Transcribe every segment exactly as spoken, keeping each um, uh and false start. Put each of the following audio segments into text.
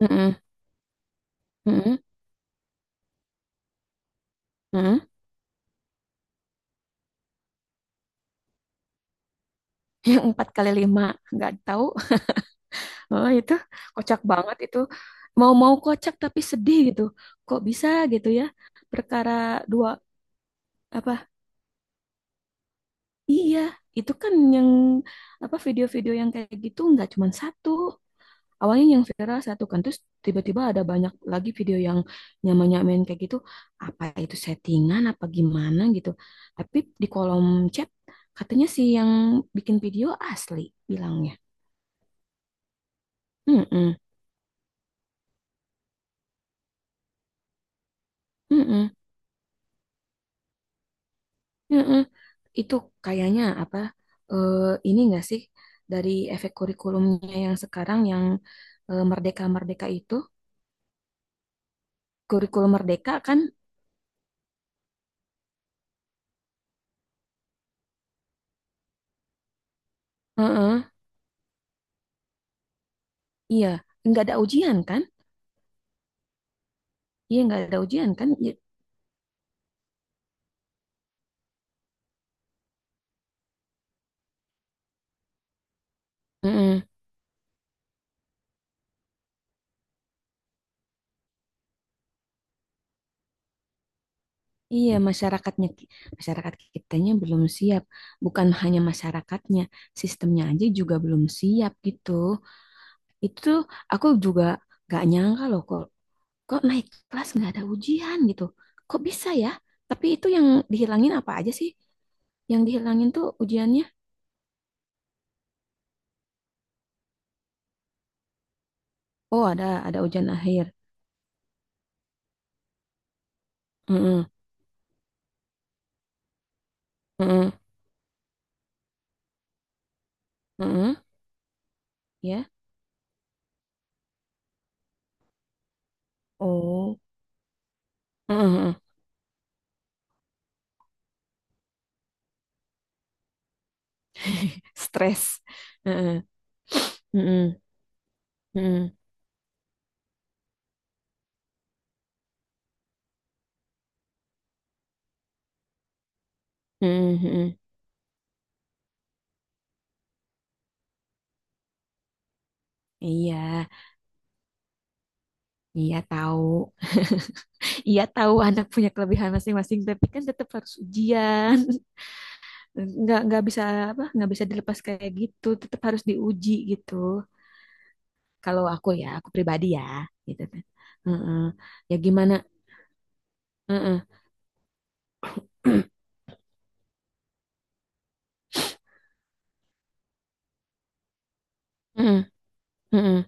Mm-mm, mm-mm, mm-mm. Yang empat kali lima nggak tahu. Oh, itu kocak banget itu. Mau-mau kocak tapi sedih gitu. Kok bisa gitu ya? Perkara dua apa? Iya, itu kan yang apa, video-video yang kayak gitu nggak cuma satu. Awalnya yang viral satu kan, terus tiba-tiba ada banyak lagi video yang nyamain-nyamain kayak gitu. Apa itu settingan apa gimana gitu. Tapi di kolom chat katanya sih yang bikin video asli bilangnya. Mm-mm, mm-mm, mm-mm. Itu kayaknya apa? eh, ini enggak sih, dari efek kurikulumnya yang sekarang yang eh, merdeka-merdeka itu, kurikulum merdeka kan? Heeh, iya, nggak ada ujian kan? Iya, nggak ada ujian kan? Iya, mm, iya, masyarakatnya masyarakat kitanya belum siap. Bukan hanya masyarakatnya, sistemnya aja juga belum siap gitu. Itu tuh aku juga gak nyangka loh, kok kok naik kelas nggak ada ujian gitu, kok bisa ya? Tapi itu yang dihilangin apa aja sih, yang dihilangin tuh ujiannya. Oh, ada ada ujian akhir. Mm-mm, mm-mm, mm-mm, ya, oh, mm-mm, mm-mm. Stres. Mm-mm, mm-mm, mm-mm, mm-mm, mm-mm. Iya, iya tahu, iya tahu anak punya kelebihan masing-masing, tapi kan tetap harus ujian. nggak nggak bisa, apa, nggak bisa dilepas kayak gitu, tetap harus diuji gitu. Kalau aku ya, aku pribadi ya, gitu kan. Heeh. Ya gimana? Heeh. Heeh. Heeh.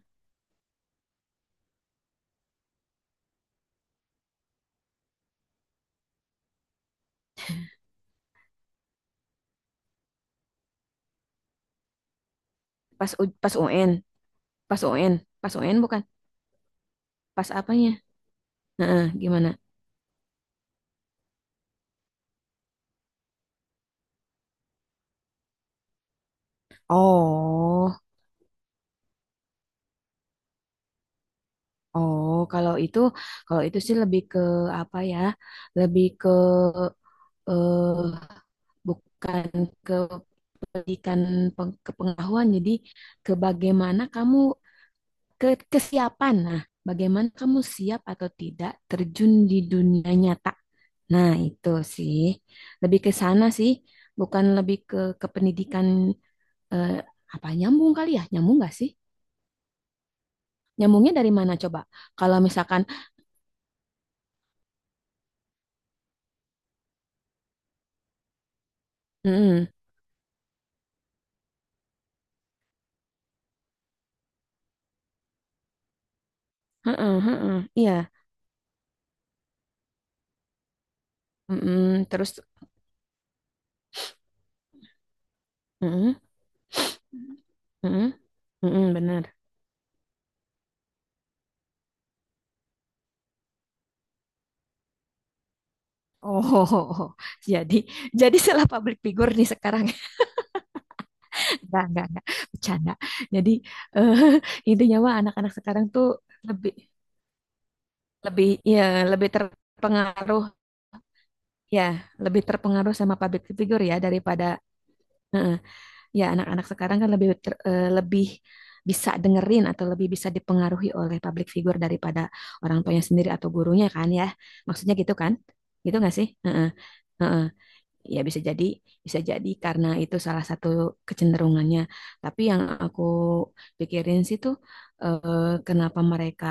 Pas U- pas U N, pas U N, pas U N bukan, pas apanya? Heeh, gimana? Oh, oh, kalau itu, kalau itu sih lebih ke apa ya? Lebih ke, eh bukan ke pendidikan, peng- kepengetahuan, jadi ke bagaimana kamu. Ke kesiapan. Nah, bagaimana kamu siap atau tidak terjun di dunia nyata? Nah, itu sih. Lebih ke sana sih, bukan lebih ke ke pendidikan. eh, Apa, nyambung kali ya? Nyambung nggak sih? Nyambungnya dari mana coba? Kalau misalkan, mm, heeh, heeh, iya, mm, terus, mm, mm-mm, benar. Oh, jadi jadi salah public figure nih sekarang. Enggak, enggak, enggak. Bercanda. Jadi, eh, intinya mah anak-anak sekarang tuh lebih lebih, ya, lebih terpengaruh, ya, lebih terpengaruh sama public figure ya, daripada, eh, ya, anak-anak sekarang kan lebih ter- eh, lebih bisa dengerin, atau lebih bisa dipengaruhi oleh public figure daripada orang tuanya sendiri atau gurunya kan ya. Maksudnya gitu kan? Gitu nggak sih? Heeh, heeh. Ya bisa jadi, bisa jadi karena itu salah satu kecenderungannya. Tapi yang aku pikirin sih tuh, eh, kenapa mereka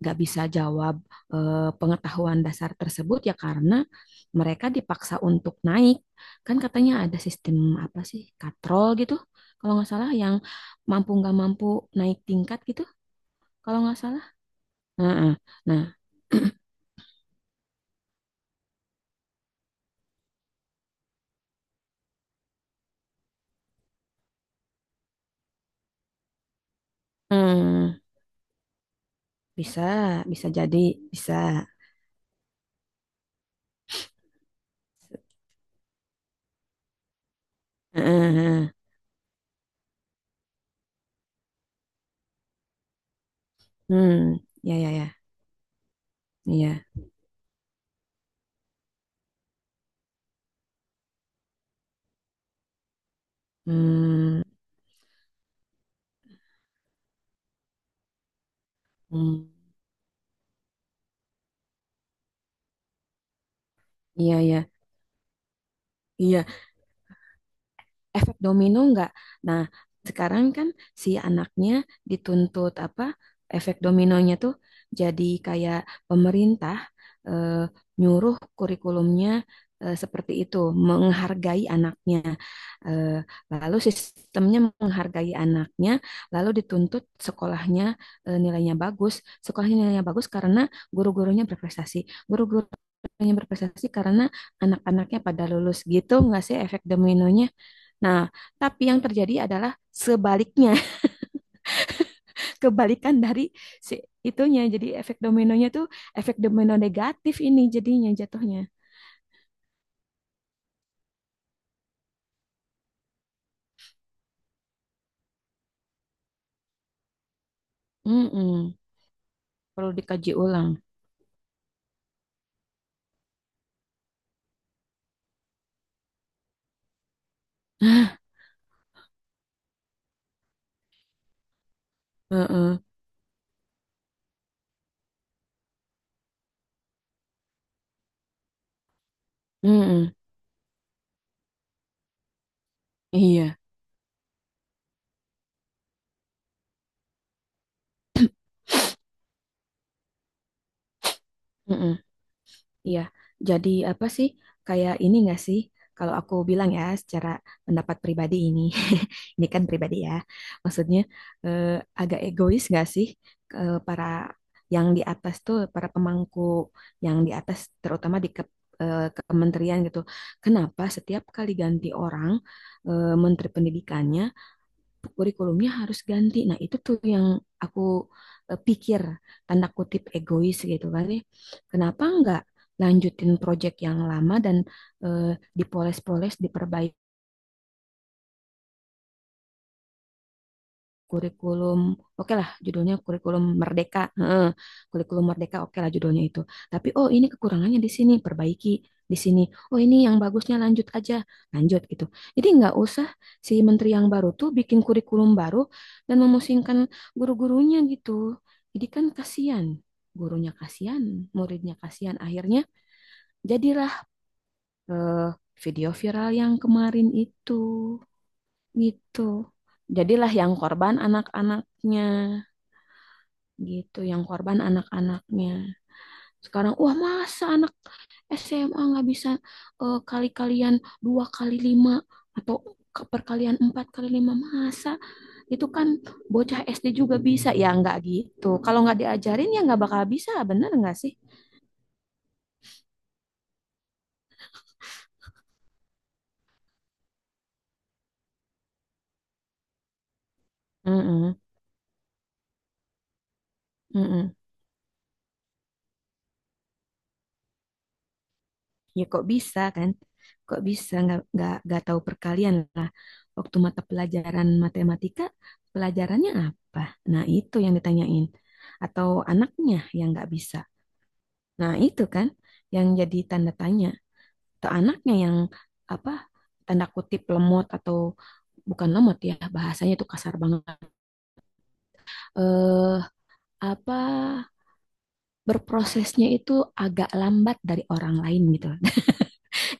nggak bisa jawab, eh, pengetahuan dasar tersebut, ya karena mereka dipaksa untuk naik. Kan katanya ada sistem apa sih, katrol gitu, kalau nggak salah yang mampu nggak mampu naik tingkat gitu, kalau nggak salah. Nah, eh, nah, hmm, bisa, bisa jadi, bisa. Heeh. Hmm, ya ya ya, iya. Hmm, hmm, iya ya, iya, efek domino enggak? Nah, sekarang kan si anaknya dituntut apa? Efek dominonya tuh jadi kayak pemerintah eh, nyuruh kurikulumnya eh, seperti itu, menghargai anaknya. Eh, Lalu sistemnya menghargai anaknya, lalu dituntut sekolahnya eh, nilainya bagus. Sekolahnya nilainya bagus karena guru-gurunya berprestasi. Guru-guru yang berprestasi karena anak-anaknya pada lulus, gitu nggak sih efek dominonya. Nah, tapi yang terjadi adalah sebaliknya, kebalikan dari si itunya. Jadi efek dominonya tuh efek domino negatif, ini jadinya jatuhnya. Mm-mm. Perlu dikaji ulang. Heeh. Mm-mm. Iya. Mm-mm. Iya, jadi apa sih? Kayak ini nggak sih? Kalau aku bilang ya, secara pendapat pribadi ini, ini kan pribadi ya. Maksudnya, eh, agak egois nggak sih, ke para yang di atas tuh, para pemangku yang di atas, terutama di ke- eh, kementerian gitu. Kenapa setiap kali ganti orang, eh, menteri pendidikannya, kurikulumnya harus ganti. Nah, itu tuh yang aku, eh, pikir, tanda kutip egois gitu kan ya. Kenapa nggak lanjutin proyek yang lama dan eh, dipoles-poles, diperbaiki. Kurikulum, oke lah judulnya kurikulum merdeka, heeh, kurikulum merdeka oke lah judulnya itu, tapi oh ini kekurangannya di sini perbaiki di sini, oh ini yang bagusnya lanjut aja, lanjut gitu. Jadi nggak usah si menteri yang baru tuh bikin kurikulum baru dan memusingkan guru-gurunya gitu. Jadi kan kasihan gurunya, kasihan muridnya, kasihan, akhirnya jadilah, eh, video viral yang kemarin itu, gitu. Jadilah yang korban anak-anaknya gitu, yang korban anak-anaknya sekarang. Wah, masa anak S M A nggak bisa, eh, kali-kalian dua kali lima atau ke- perkalian empat kali lima, masa? Itu kan bocah S D juga bisa, ya nggak? Gitu, kalau nggak diajarin ya nggak bakal bisa, bener nggak sih? Mm-mm, mm-mm. Ya kok bisa kan, kok bisa nggak nggak nggak tahu perkalian lah. Waktu mata pelajaran matematika pelajarannya apa, nah itu yang ditanyain, atau anaknya yang nggak bisa, nah itu kan yang jadi tanda tanya. Atau anaknya yang apa, tanda kutip lemot, atau bukan lemot ya, bahasanya itu kasar banget, eh apa, berprosesnya itu agak lambat dari orang lain gitu,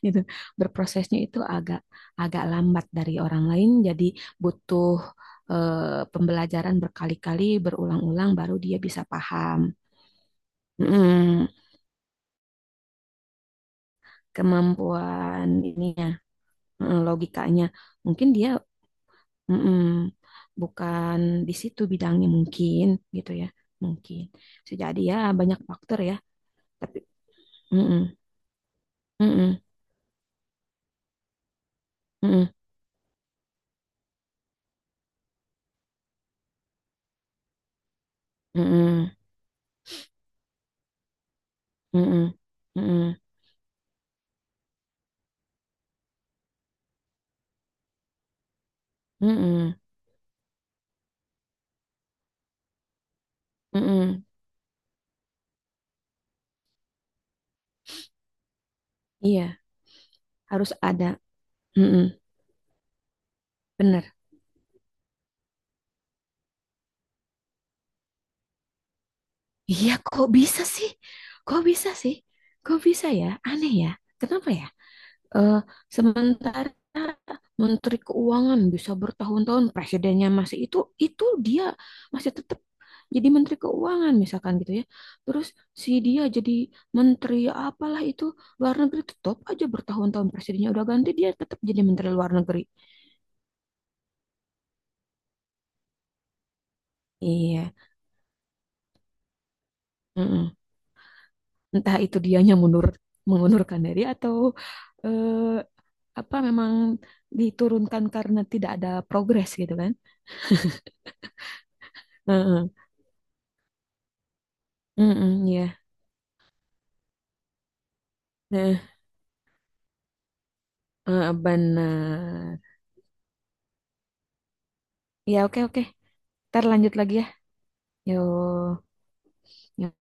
gitu. Berprosesnya itu agak agak lambat dari orang lain, jadi butuh, eh, pembelajaran berkali-kali, berulang-ulang, baru dia bisa paham. Mm, kemampuan ininya, mm, logikanya. Mungkin dia, mm, bukan di situ bidangnya mungkin, gitu ya. Mungkin. Bisa jadi ya, banyak faktor ya, tapi, mm, mm, mm, mm, mm, mm, mm, mm, mm, mm, mm. Iya, harus ada. Mm-mm. Bener. Iya, kok bisa sih? Kok bisa sih? Kok bisa ya? Aneh ya. Kenapa ya? Eh, Sementara Menteri Keuangan bisa bertahun-tahun, presidennya masih itu, itu dia masih tetap jadi Menteri Keuangan misalkan gitu ya. Terus si dia jadi Menteri apalah itu, luar negeri, tetap aja bertahun-tahun presidennya udah ganti, dia tetap jadi Menteri Luar Negeri. Iya, mm-mm. Entah itu dianya mundur, mengundurkan diri, atau eh, apa memang diturunkan karena tidak ada progres gitu kan? Heeh. Heeh, iya. Nah, heeh, benar. Ya, oke oke. Ntar lanjut lagi ya. Yo. Yo.